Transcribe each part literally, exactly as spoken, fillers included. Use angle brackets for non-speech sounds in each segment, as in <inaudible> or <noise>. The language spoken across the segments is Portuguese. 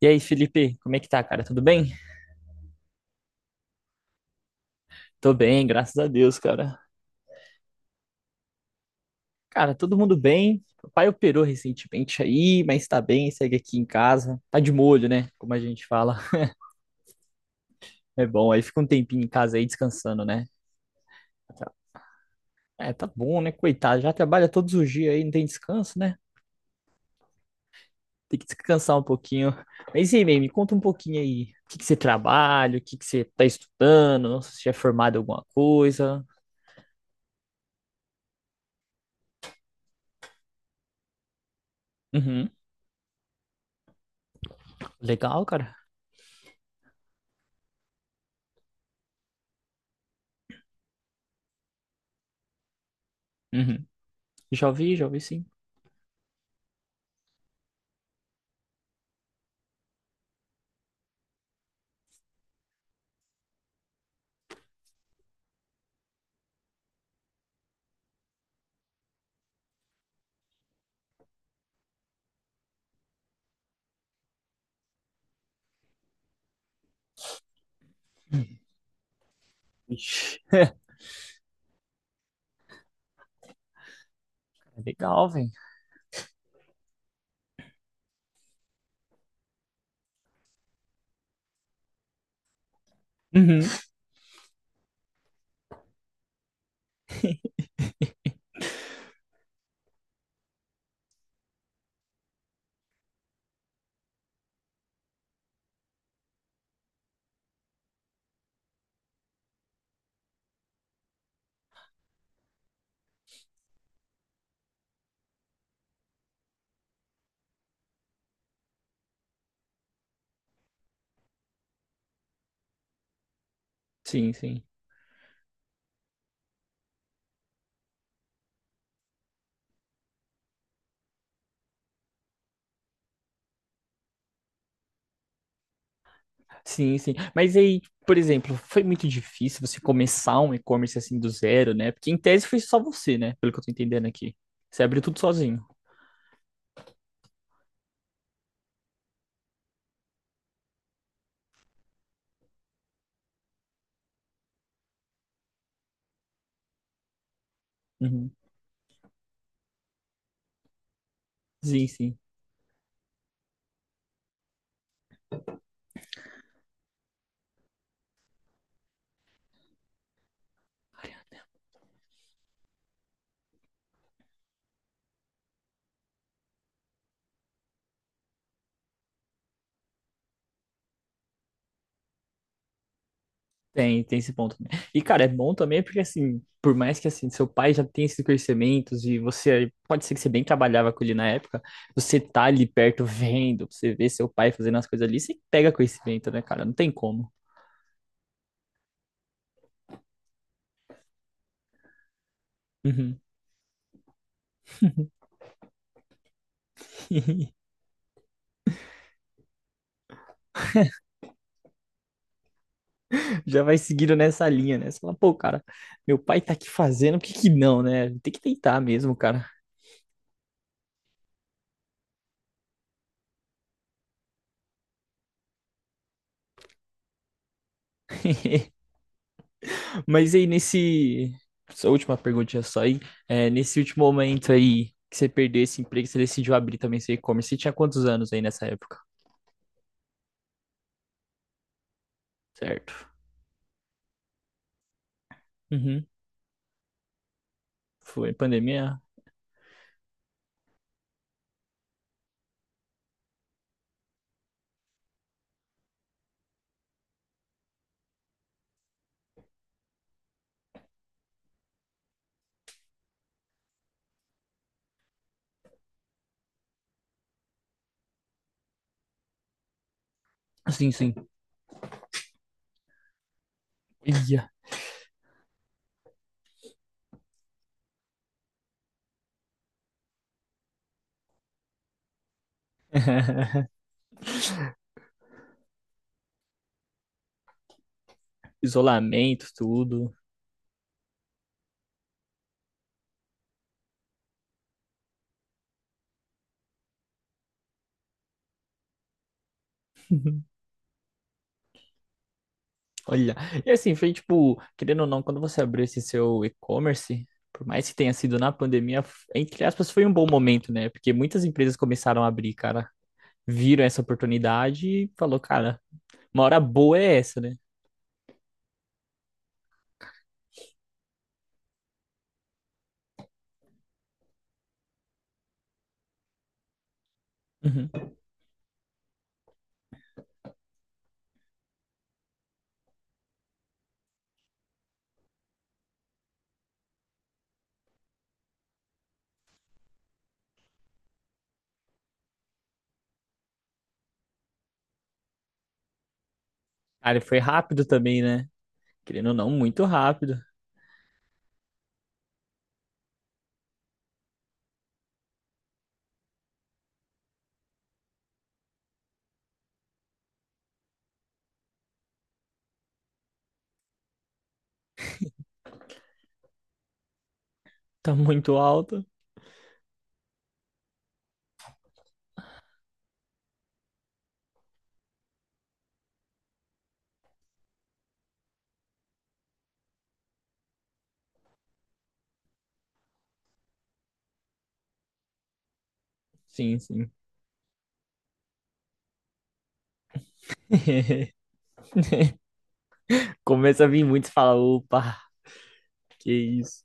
E aí, Felipe, como é que tá, cara? Tudo bem? Tô bem, graças a Deus, cara. Cara, todo mundo bem. Papai operou recentemente aí, mas tá bem, segue aqui em casa. Tá de molho, né? Como a gente fala. É bom, aí fica um tempinho em casa aí descansando, né? É, tá bom, né? Coitado, já trabalha todos os dias aí, não tem descanso, né? Tem que descansar um pouquinho. Mas e aí, May, me conta um pouquinho aí. O que que você trabalha? O que que você tá estudando? Não sei se já é formado em alguma coisa. Uhum. Legal, cara. Uhum. Já ouvi, já ouvi sim. Legal, velho. Uhum. Sim, sim. Sim, sim. Mas aí, por exemplo, foi muito difícil você começar um e-commerce assim do zero, né? Porque em tese foi só você, né? Pelo que eu tô entendendo aqui. Você abriu tudo sozinho. Uhum. Sim, sim. Tem, tem esse ponto também. E, cara, é bom também porque, assim, por mais que, assim, seu pai já tenha esses conhecimentos e você, pode ser que você bem trabalhava com ele na época, você tá ali perto vendo, você vê seu pai fazendo as coisas ali, você pega conhecimento, né, cara? Não tem como. Uhum. Já vai seguindo nessa linha, né? Você fala, pô, cara, meu pai tá aqui fazendo, por que que não, né? Tem que tentar mesmo, cara. <laughs> Mas aí, nesse... Essa última perguntinha só aí. É, nesse último momento aí que você perdeu esse emprego, você decidiu abrir também seu e-commerce. Você tinha quantos anos aí nessa época? Certo. Uhum. Foi pandemia? Sim, sim. Ia. Isolamento, tudo. <laughs> Olha, e assim, foi tipo, querendo ou não, quando você abriu esse seu e-commerce, por mais que tenha sido na pandemia, f- entre aspas, foi um bom momento, né? Porque muitas empresas começaram a abrir, cara, viram essa oportunidade e falou, cara, uma hora boa é essa, né? Uhum. Cara, foi rápido também, né? Querendo ou não, muito rápido. Tá muito alto. Sim, sim. <laughs> Começa a vir muito e fala, opa, que isso.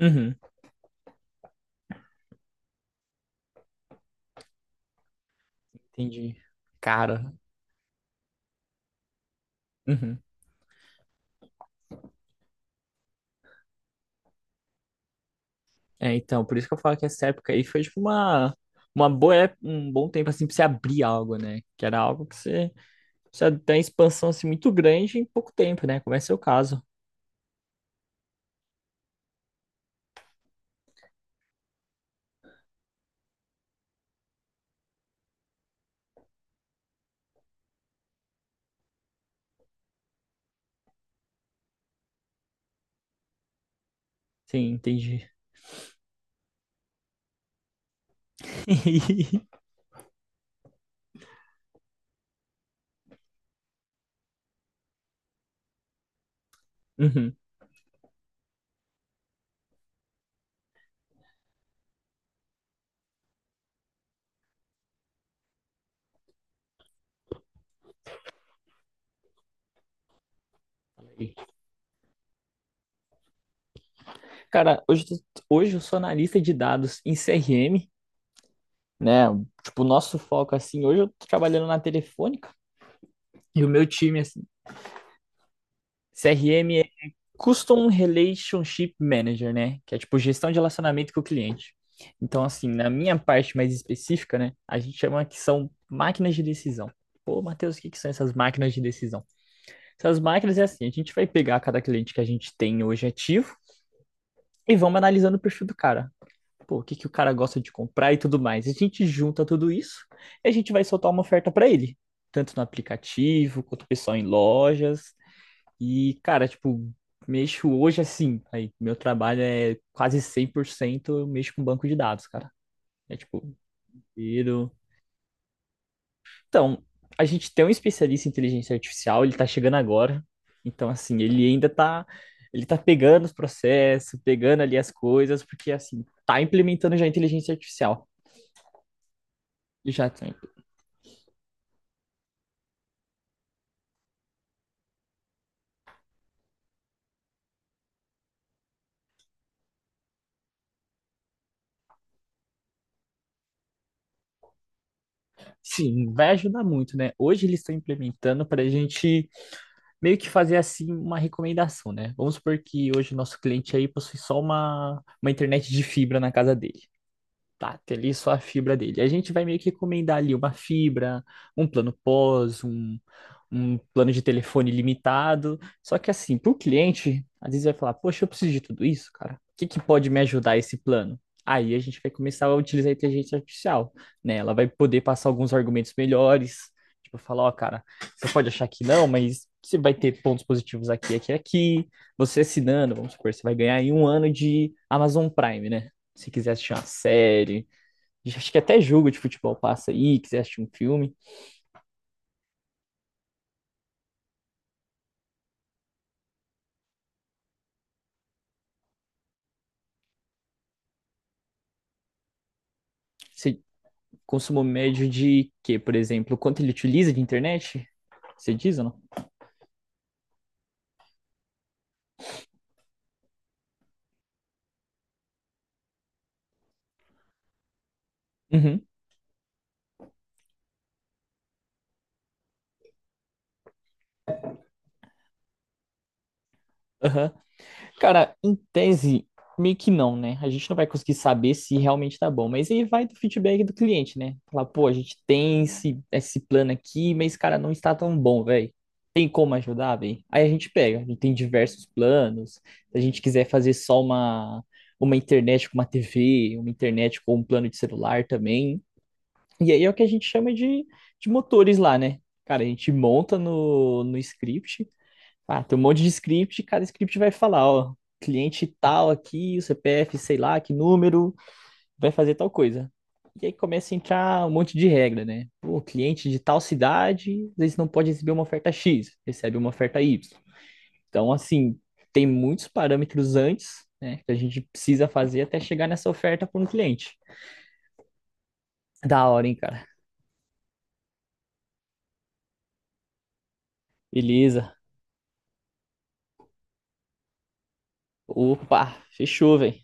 Uhum, entendi. Cara. Uhum. É, então, por isso que eu falo que essa época aí foi tipo uma, uma boa, ép- um bom tempo assim pra você abrir algo, né? Que era algo que você precisa ter uma expansão assim muito grande em pouco tempo, né? Como é seu caso. Sim, entendi. <laughs> Uhum. Cara, hoje, eu tô- hoje eu sou analista de dados em C R M, né? Tipo, o nosso foco assim, hoje eu tô trabalhando na Telefônica e o meu time assim, C R M Custom Relationship Manager, né? Que é tipo gestão de relacionamento com o cliente. Então, assim, na minha parte mais específica, né? A gente chama que são máquinas de decisão. Pô, Matheus, o que que são essas máquinas de decisão? Essas máquinas é assim, a gente vai pegar cada cliente que a gente tem hoje ativo e vamos analisando o perfil do cara. Pô, o que que o cara gosta de comprar e tudo mais. A gente junta tudo isso e a gente vai soltar uma oferta para ele, tanto no aplicativo quanto o pessoal em lojas. E, cara, tipo, mexo hoje assim. Aí, meu trabalho é quase cem por cento eu mexo com banco de dados, cara. É tipo, tiro. Então, a gente tem um especialista em inteligência artificial, ele tá chegando agora. Então, assim, ele ainda tá. Ele tá pegando os processos, pegando ali as coisas, porque, assim, tá implementando já a inteligência artificial. Já tem. Sim, vai ajudar muito, né? Hoje eles estão implementando para a gente meio que fazer assim uma recomendação, né? Vamos supor que hoje o nosso cliente aí possui só uma, uma internet de fibra na casa dele bate ali só a fibra dele. A gente vai meio que recomendar ali uma fibra, um plano pós, um, um plano de telefone limitado. Só que assim, para o cliente, às vezes vai falar, poxa, eu preciso de tudo isso, cara. O que que pode me ajudar esse plano? Aí a gente vai começar a utilizar a inteligência artificial, né? Ela vai poder passar alguns argumentos melhores, tipo, falar, ó, cara, você pode achar que não, mas você vai ter pontos positivos aqui, aqui, aqui. Você assinando, vamos supor, você vai ganhar aí um ano de Amazon Prime, né? Se quiser assistir uma série, acho que até jogo de futebol passa aí, quiser assistir um filme, você consumo médio de quê, por exemplo? Quanto ele utiliza de internet? Você diz ou não? Uhum. Aham. Cara, em tese, meio que não, né? A gente não vai conseguir saber se realmente tá bom, mas aí vai do feedback do cliente, né? Falar, pô, a gente tem esse, esse plano aqui, mas, cara, não está tão bom, velho. Tem como ajudar, velho? Aí a gente pega, a gente tem diversos planos. Se a gente quiser fazer só uma, uma internet com uma T V, uma internet com um plano de celular também. E aí é o que a gente chama de, de motores lá, né? Cara, a gente monta no, no script ah, tem um monte de script, e cada script vai falar, ó, cliente tal aqui, o C P F, sei lá, que número, vai fazer tal coisa. E aí começa a entrar um monte de regra, né? O cliente de tal cidade, às vezes não pode receber uma oferta X, recebe uma oferta Y. Então, assim, tem muitos parâmetros antes, né, que a gente precisa fazer até chegar nessa oferta para um cliente. Da hora, hein, cara? Beleza. Opa, fechou, velho.